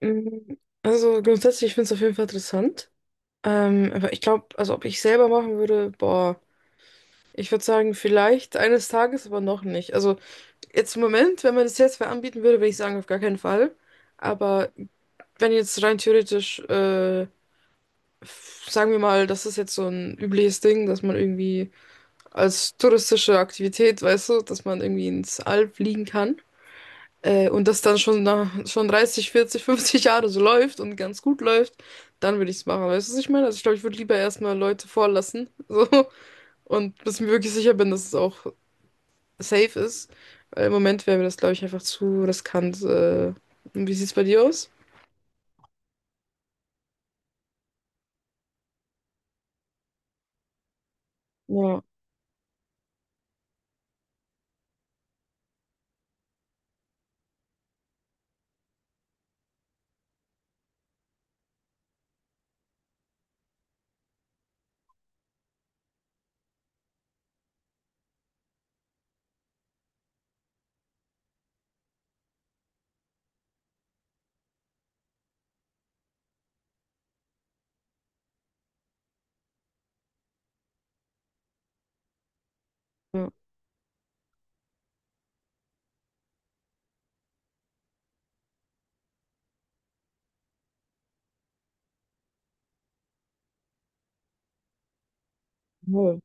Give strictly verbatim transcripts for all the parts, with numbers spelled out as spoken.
Mm, Also grundsätzlich finde ich es auf jeden Fall interessant. Ähm, aber ich glaube, also ob ich selber machen würde, boah, ich würde sagen, vielleicht eines Tages, aber noch nicht. Also jetzt im Moment, wenn man das jetzt wer anbieten würde, würde ich sagen, auf gar keinen Fall. Aber wenn jetzt rein theoretisch äh, sagen wir mal, das ist jetzt so ein übliches Ding, dass man irgendwie als touristische Aktivität, weißt du, dass man irgendwie ins All fliegen kann. Äh, und das dann schon, nach, schon dreißig, vierzig, fünfzig Jahre so läuft und ganz gut läuft, dann würde ich es machen. Weißt du, was ich meine? Also ich glaube, ich würde lieber erstmal Leute vorlassen. So, und bis ich mir wirklich sicher bin, dass es auch safe ist. Weil im Moment wäre mir das, glaube ich, einfach zu riskant. Äh, und wie sieht's bei dir aus? Ja, ja. Voll.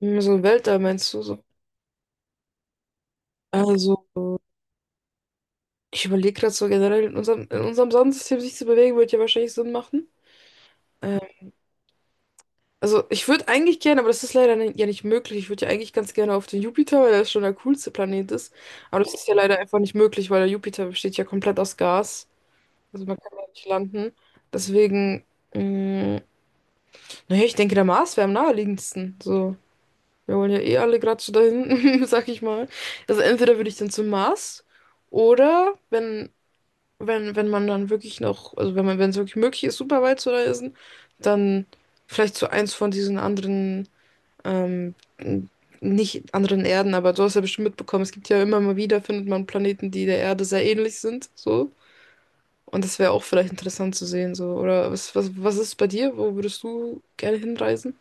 So Weltall meinst du so? Also. Ich überlege gerade so generell, in unserem, in unserem Sonnensystem sich zu bewegen, würde ja wahrscheinlich Sinn machen. Äh, also ich würde eigentlich gerne, aber das ist leider ni- ja nicht möglich. Ich würde ja eigentlich ganz gerne auf den Jupiter, weil er schon der coolste Planet ist. Aber das ist ja leider einfach nicht möglich, weil der Jupiter besteht ja komplett aus Gas. Also man kann da nicht landen. Deswegen, mh, naja, ich denke, der Mars wäre am naheliegendsten. So, wir wollen ja eh alle gerade so dahin, sag ich mal. Also entweder würde ich dann zum Mars oder wenn wenn, wenn man dann wirklich noch, also wenn man, wenn es wirklich möglich ist, super weit zu reisen, dann vielleicht zu eins von diesen anderen, ähm, n- nicht anderen Erden, aber du hast ja bestimmt mitbekommen, es gibt ja immer mal wieder, findet man Planeten, die der Erde sehr ähnlich sind, so. Und das wäre auch vielleicht interessant zu sehen, so. Oder was, was, was ist bei dir? Wo würdest du gerne hinreisen?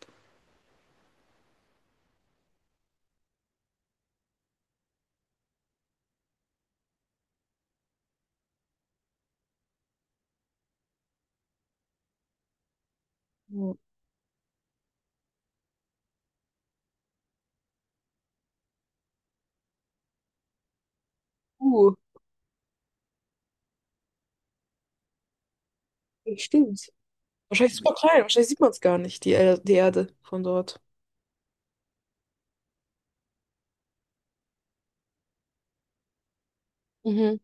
Ja. Uh, stimmt. Wahrscheinlich super klein, wahrscheinlich sieht man es gar nicht, die, Er- die Erde von dort. Mhm.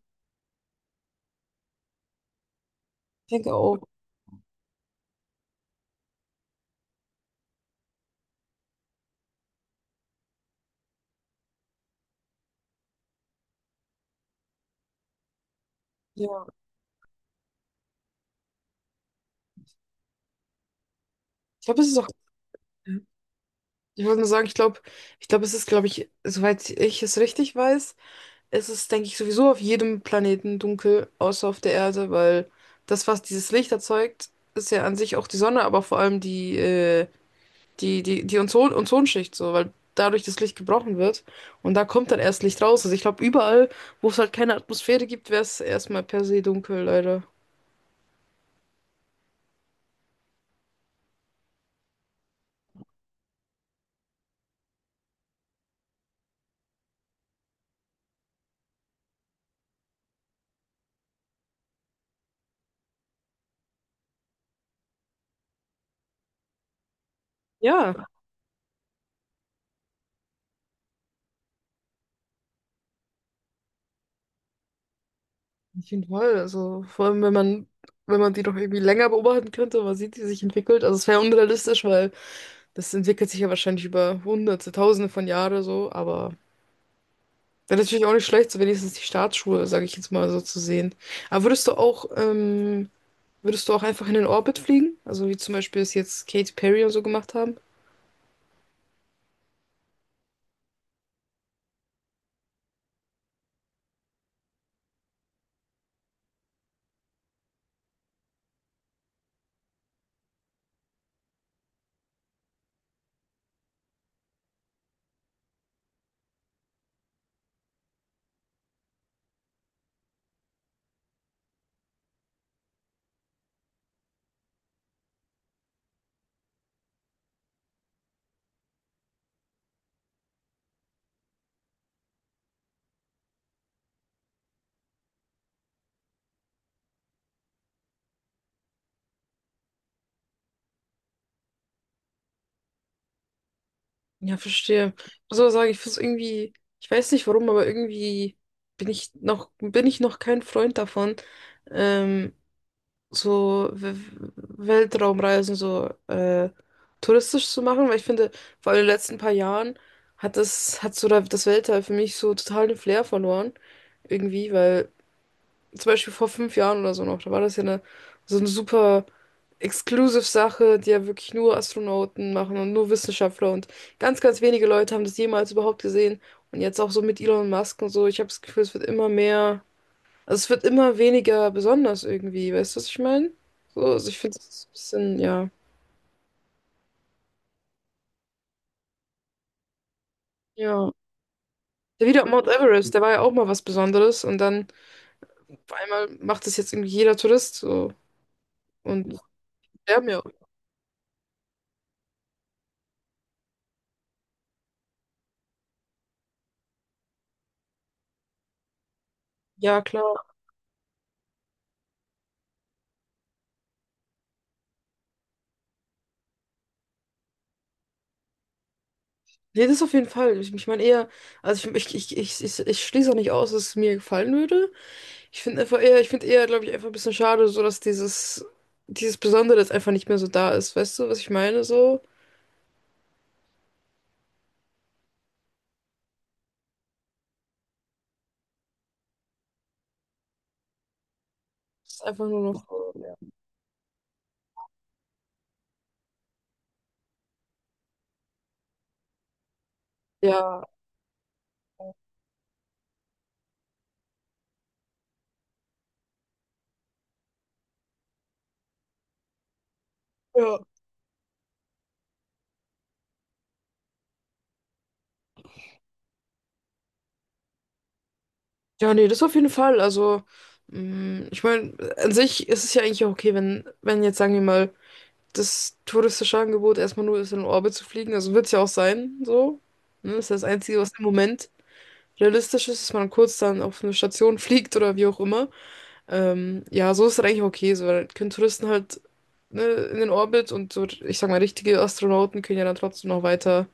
Ich denke auch, ja. Ich glaube, es ist auch. Ich wollte nur sagen, ich glaube, ich glaube, es ist, glaube ich, soweit ich es richtig weiß, es ist, denke ich, sowieso auf jedem Planeten dunkel, außer auf der Erde, weil das, was dieses Licht erzeugt, ist ja an sich auch die Sonne, aber vor allem die, äh, die, die, die Ozon Ozonschicht, so, weil dadurch das Licht gebrochen wird und da kommt dann erst Licht raus. Also ich glaube, überall, wo es halt keine Atmosphäre gibt, wäre es erstmal per se dunkel, leider. Ja. Auf jeden Fall. Also vor allem, wenn man, wenn man die doch irgendwie länger beobachten könnte, man sieht, wie sie sich entwickelt. Also es wäre unrealistisch, weil das entwickelt sich ja wahrscheinlich über Hunderte, Tausende von Jahren so, aber wäre natürlich auch nicht schlecht, so wenigstens die Startschuhe, sage ich jetzt mal so zu sehen. Aber würdest du auch, ähm, würdest du auch einfach in den Orbit fliegen? Also wie zum Beispiel es jetzt Katy Perry und so gemacht haben? Ja, verstehe. Ich muss aber sagen, ich finde es irgendwie, ich weiß nicht warum, aber irgendwie bin ich noch, bin ich noch kein Freund davon, ähm, so W- Weltraumreisen so äh, touristisch zu machen, weil ich finde, vor allem in den letzten paar Jahren hat das, hat so da- das Weltall für mich so total den Flair verloren, irgendwie, weil zum Beispiel vor fünf Jahren oder so noch, da war das ja eine, so eine super exclusive Sache, die ja wirklich nur Astronauten machen und nur Wissenschaftler und ganz, ganz wenige Leute haben das jemals überhaupt gesehen. Und jetzt auch so mit Elon Musk und so, ich habe das Gefühl, es wird immer mehr. Also es wird immer weniger besonders irgendwie, weißt du, was ich meine? So, also ich finde es ein bisschen, ja. Ja. Der wieder Mount Everest, der war ja auch mal was Besonderes und dann auf einmal macht das jetzt irgendwie jeder Tourist so. Und sterben ja. Ja, klar. Nee, das auf jeden Fall. Ich, ich meine eher, also ich, ich, ich, ich, ich, ich schließe auch nicht aus, dass es mir gefallen würde. Ich finde einfach eher, ich finde eher, glaube ich, einfach ein bisschen schade, so dass dieses, dieses Besondere jetzt einfach nicht mehr so da ist. Weißt du, was ich meine? So, es ist einfach nur noch, so, ja. Ja. Ja. Ja, nee, das auf jeden Fall. Also, mh, ich meine, an sich ist es ja eigentlich auch okay, wenn, wenn jetzt, sagen wir mal, das touristische Angebot erstmal nur ist, in den Orbit zu fliegen. Also wird es ja auch sein, so. Ne? Das ist das Einzige, was im Moment realistisch ist, dass man kurz dann auf eine Station fliegt oder wie auch immer. Ähm, ja, so ist das eigentlich okay, so, weil können Touristen halt, ne, in den Orbit und so, ich sag mal, richtige Astronauten können ja dann trotzdem noch weiter,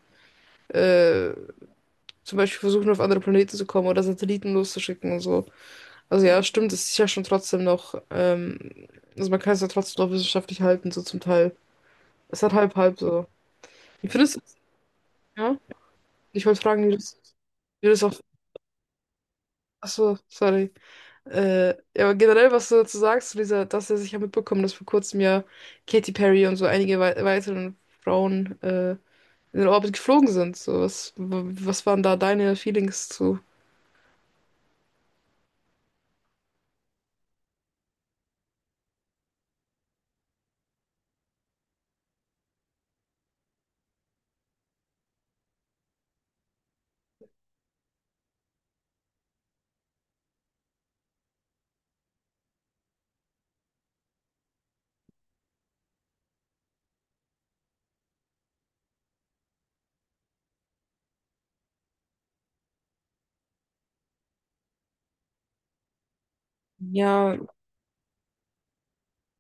äh, zum Beispiel versuchen, auf andere Planeten zu kommen oder Satelliten loszuschicken und so. Also ja, stimmt, es ist ja schon trotzdem noch, ähm, also man kann es ja trotzdem noch wissenschaftlich halten, so zum Teil. Es hat halb halb so. Wie findest du es? Ja? Ich wollte fragen, wie du das, wie du das auch. Achso, sorry. Äh, ja, aber generell, was du dazu sagst, zu dieser, dass er sich ja mitbekommen, dass vor kurzem ja Katy Perry und so einige wei weiteren Frauen äh, in den Orbit geflogen sind. So, was, w- was waren da deine Feelings zu? Ja,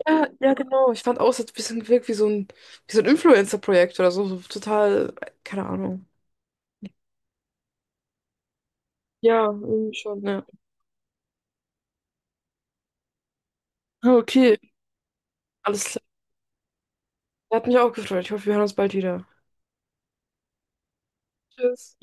ja, ja, genau. Ich fand auch, es hat ein bisschen gewirkt wie so ein, wie so ein Influencer-Projekt oder so. So total, keine Ahnung. Ja, irgendwie schon, ja. Okay, alles klar. Hat mich auch gefreut. Ich hoffe, wir hören uns bald wieder. Tschüss.